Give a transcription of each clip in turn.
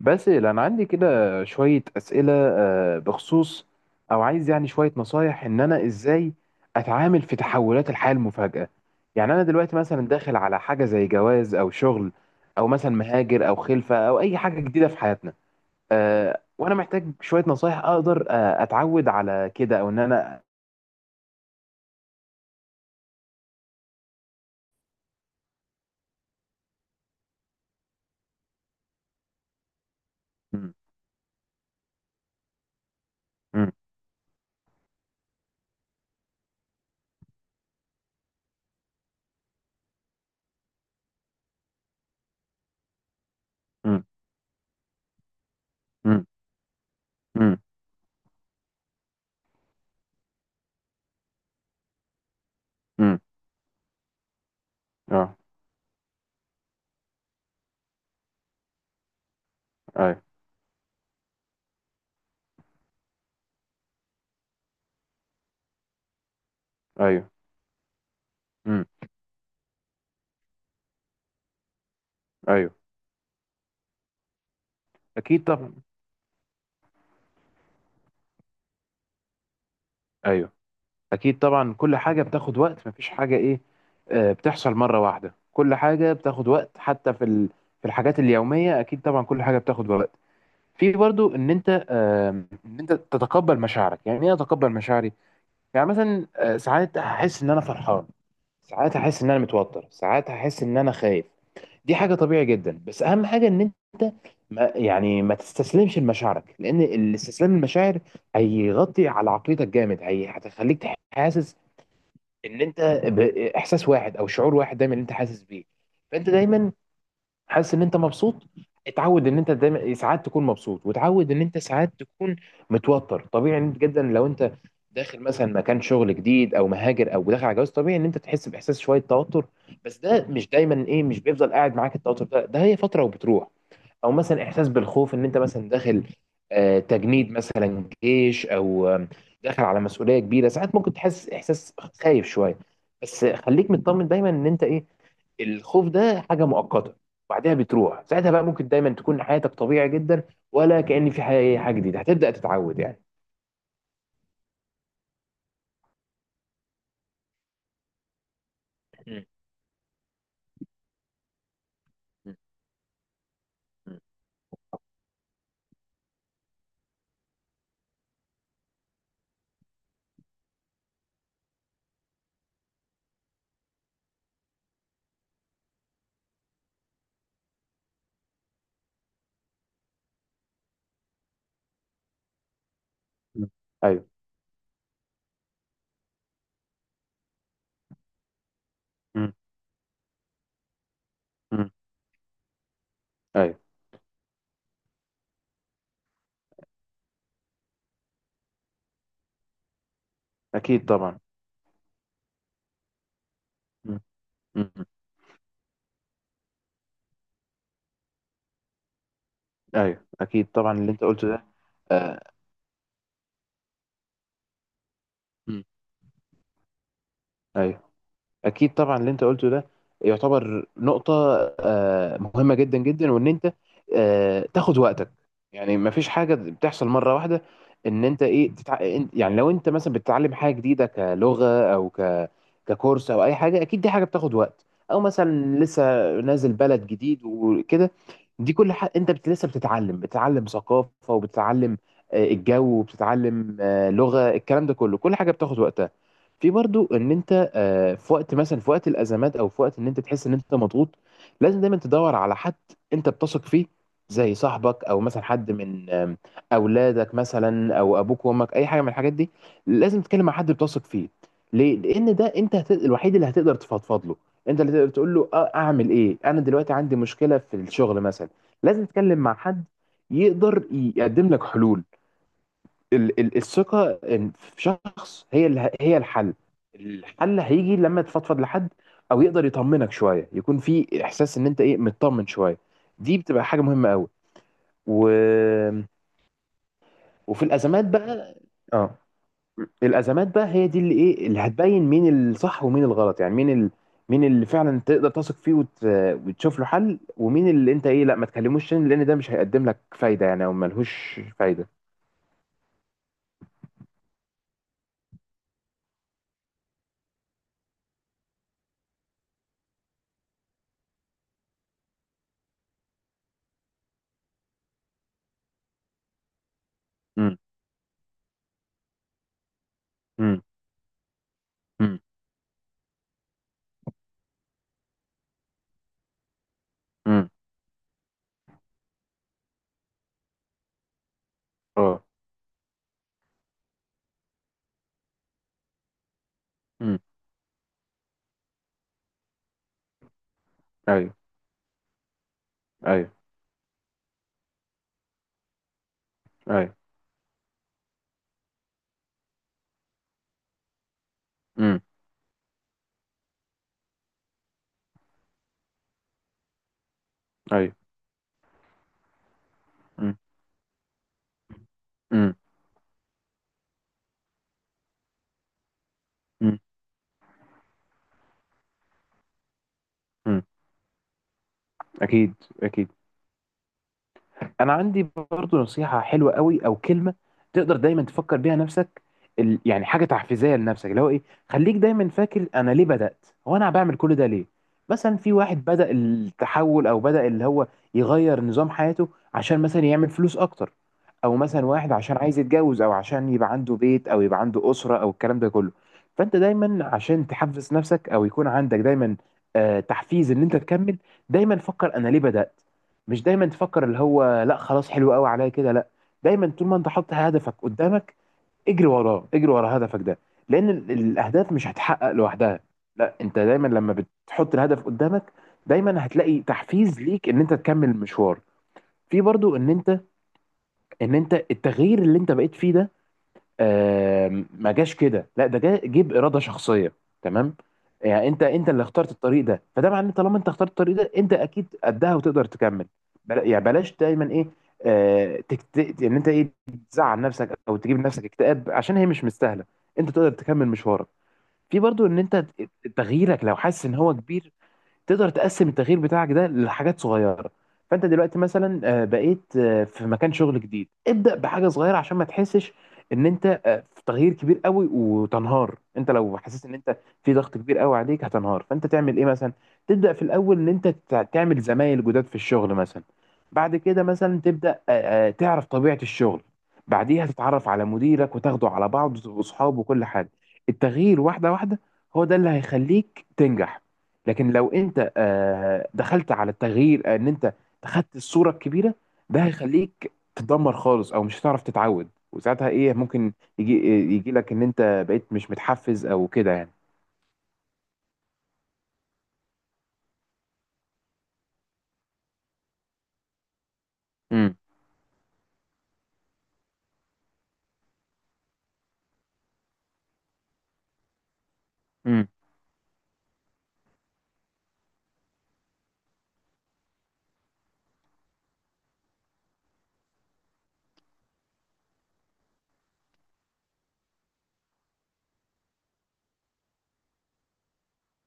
بس انا عندي كده شويه اسئله، بخصوص او عايز يعني شويه نصايح ان انا ازاي اتعامل في تحولات الحياه المفاجئه. يعني انا دلوقتي مثلا داخل على حاجه زي جواز او شغل، او مثلا مهاجر او خلفه او اي حاجه جديده في حياتنا، وانا محتاج شويه نصايح اقدر اتعود على كده او ان انا. م- م- م- م- م- م- اه، ايوه، ايوه م- ايوه. اكيد طبعا، ايوه، اكيد طبعا. كل حاجه بتاخد وقت، مفيش حاجه ايه بتحصل مره واحده. كل حاجه بتاخد وقت، حتى في الحاجات اليوميه اكيد طبعا كل حاجه بتاخد وقت. في برضو ان انت تتقبل مشاعرك. يعني ايه اتقبل مشاعري؟ يعني مثلا ساعات هحس ان انا فرحان، ساعات هحس ان انا متوتر، ساعات هحس ان انا خايف. دي حاجه طبيعي جدا، بس اهم حاجه ان انت ما يعني ما تستسلمش لمشاعرك، لان الاستسلام للمشاعر هيغطي على عقليتك جامد. هي هتخليك حاسس ان انت باحساس واحد او شعور واحد دايما انت حاسس بيه. فانت دايما حاسس ان انت مبسوط. اتعود ان انت دايما ساعات تكون مبسوط، وتعود ان انت ساعات تكون متوتر. طبيعي إن انت جدا لو انت داخل مثلا مكان شغل جديد او مهاجر او داخل على جواز، طبيعي ان انت تحس باحساس شويه توتر. بس ده مش دايما ايه، مش بيفضل قاعد معاك التوتر ده، هي فتره وبتروح. او مثلا احساس بالخوف، ان انت مثلا داخل تجنيد مثلا جيش او داخل على مسؤوليه كبيره، ساعات ممكن تحس احساس خايف شويه. بس خليك مطمن دايما ان انت ايه الخوف ده حاجه مؤقته بعدها بتروح. ساعتها بقى ممكن دايما تكون حياتك طبيعي جدا، ولا كأن في حاجة جديده هتبدأ تتعود يعني. م- م- م. ايوه. م- م. ايوه اكيد طبعا. م- م. ايوه اكيد طبعا اللي انت قلته ده. آه، م. ايوه اكيد طبعا اللي انت قلته ده يعتبر نقطة مهمة جدا جدا، وان انت تاخد وقتك. يعني ما فيش حاجة بتحصل مرة واحدة، ان انت ايه يعني لو انت مثلا بتتعلم حاجة جديدة كلغة او ككورس او اي حاجة، اكيد دي حاجة بتاخد وقت. او مثلا لسه نازل بلد جديد وكده، دي كل حاجة لسه بتتعلم. بتتعلم ثقافة وبتتعلم الجو، وبتتعلم لغة الكلام، ده كله كل حاجة بتاخد وقتها. في برضو ان انت في وقت مثلا، في وقت الازمات او في وقت ان انت تحس ان انت مضغوط، لازم دايما تدور على حد انت بتثق فيه، زي صاحبك او مثلا حد من اولادك مثلا، او ابوك وامك، اي حاجه من الحاجات دي. لازم تتكلم مع حد بتثق فيه. ليه؟ لان ده انت الوحيد اللي هتقدر تفضفض له. انت اللي تقدر تقول له اعمل ايه، انا دلوقتي عندي مشكله في الشغل مثلا. لازم تتكلم مع حد يقدر يقدم لك حلول. الثقة إن في شخص هي الحل. الحل هيجي لما تفضفض لحد، او يقدر يطمنك شوية، يكون في احساس ان انت ايه مطمن شوية. دي بتبقى حاجة مهمة قوي. و... وفي الازمات بقى، اه. الازمات بقى هي دي اللي ايه اللي هتبين مين الصح ومين الغلط. يعني مين اللي فعلا تقدر تثق فيه وتشوف له حل، ومين اللي انت ايه لا ما تكلموش تاني، لان ده مش هيقدم لك فايدة يعني، او ملهوش فايدة. امم، امم، امم. اه. ايوه، ايوه، ايوه. امم. ايوه. امم، امم، امم، أمم. اكيد، اكيد. انا عندي برضو نصيحة حلوة قوي او كلمة تقدر دايما تفكر بيها نفسك. يعني حاجة تحفيزية لنفسك، اللي هو ايه خليك دايما فاكر انا ليه بدأت، هو انا بعمل كل ده ليه. مثلا في واحد بدأ التحول، او بدأ اللي هو يغير نظام حياته عشان مثلا يعمل فلوس اكتر، او مثلا واحد عشان عايز يتجوز، او عشان يبقى عنده بيت او يبقى عنده أسرة او الكلام ده كله. فانت دايما عشان تحفز نفسك، او يكون عندك دايما تحفيز ان انت تكمل، دايما فكر انا ليه بدأت. مش دايما تفكر اللي هو لا خلاص حلو قوي عليا كده، لا. دايما طول ما انت حاطط هدفك قدامك، اجري وراه، اجري ورا هدفك ده. لان الاهداف مش هتحقق لوحدها. لا، انت دايما لما بتحط الهدف قدامك دايما هتلاقي تحفيز ليك ان انت تكمل المشوار. في برضو ان انت التغيير اللي انت بقيت فيه ده ما جاش كده، لا، ده جه باراده شخصيه، تمام. يعني انت اللي اخترت الطريق ده، فده معناه ان طالما انت اخترت الطريق ده، انت اكيد قدها وتقدر تكمل. بلا يعني بلاش دايما ايه آه تكت... ان انت ايه تزعل نفسك او تجيب لنفسك اكتئاب، عشان هي مش مستاهله. انت تقدر تكمل مشوارك. في برضو ان انت تغييرك لو حاسس ان هو كبير، تقدر تقسم التغيير بتاعك ده لحاجات صغيره. فانت دلوقتي مثلا بقيت في مكان شغل جديد، ابدا بحاجه صغيره، عشان ما تحسش ان انت في تغيير كبير قوي وتنهار. انت لو حسيت ان انت في ضغط كبير قوي عليك هتنهار. فانت تعمل ايه مثلا؟ تبدا في الاول ان انت تعمل زمايل جداد في الشغل مثلا، بعد كده مثلا تبدا تعرف طبيعه الشغل، بعديها تتعرف على مديرك وتاخده على بعض واصحابه وكل حاجه. التغيير واحده واحده هو ده اللي هيخليك تنجح. لكن لو انت دخلت على التغيير ان انت خدت الصوره الكبيره، ده هيخليك تدمر خالص، او مش هتعرف تتعود. وساعتها ايه ممكن يجي لك ان انت بقيت مش متحفز او كده يعني. امم، امم،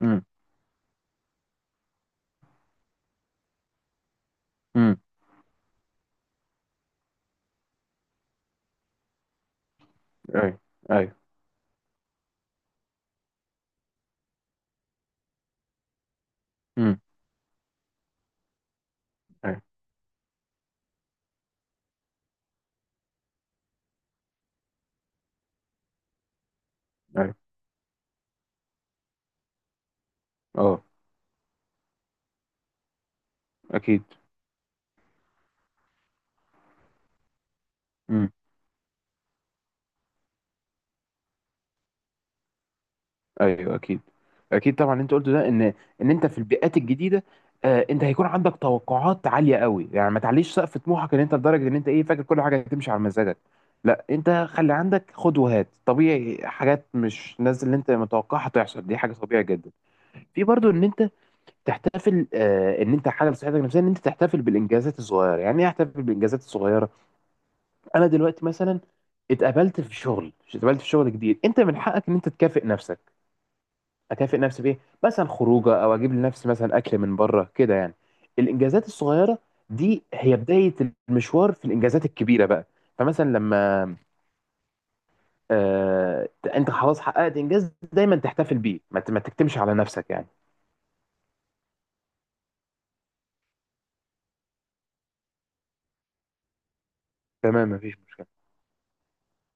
امم، امم. ايوه، ايوه. امم. ايوه، ايوه. اه. اكيد. امم. ايوه. اكيد. اكيد طبعا اللي انت قلته ده ان انت في البيئات الجديده انت هيكون عندك توقعات عاليه قوي. يعني ما تعليش سقف طموحك ان انت لدرجه ان انت ايه فاكر كل حاجه هتمشي على مزاجك. لا، انت خلي عندك خد وهات طبيعي، حاجات مش نازل اللي انت متوقعها تحصل، دي حاجه طبيعيه جدا. في برضو ان انت تحتفل ان انت حاجه لصحتك النفسيه، ان انت تحتفل بالانجازات الصغيره. يعني ايه احتفل بالانجازات الصغيره؟ انا دلوقتي مثلا اتقبلت في شغل جديد، انت من حقك ان انت تكافئ نفسك. اكافئ نفسي بايه؟ مثلا خروجه، او اجيب لنفسي مثلا اكل من بره كده يعني. الانجازات الصغيره دي هي بدايه المشوار في الانجازات الكبيره بقى. فمثلا لما آه انت خلاص حققت انجاز دايما تحتفل بيه، ما تكتمش على نفسك يعني. تمام، مفيش مشكله.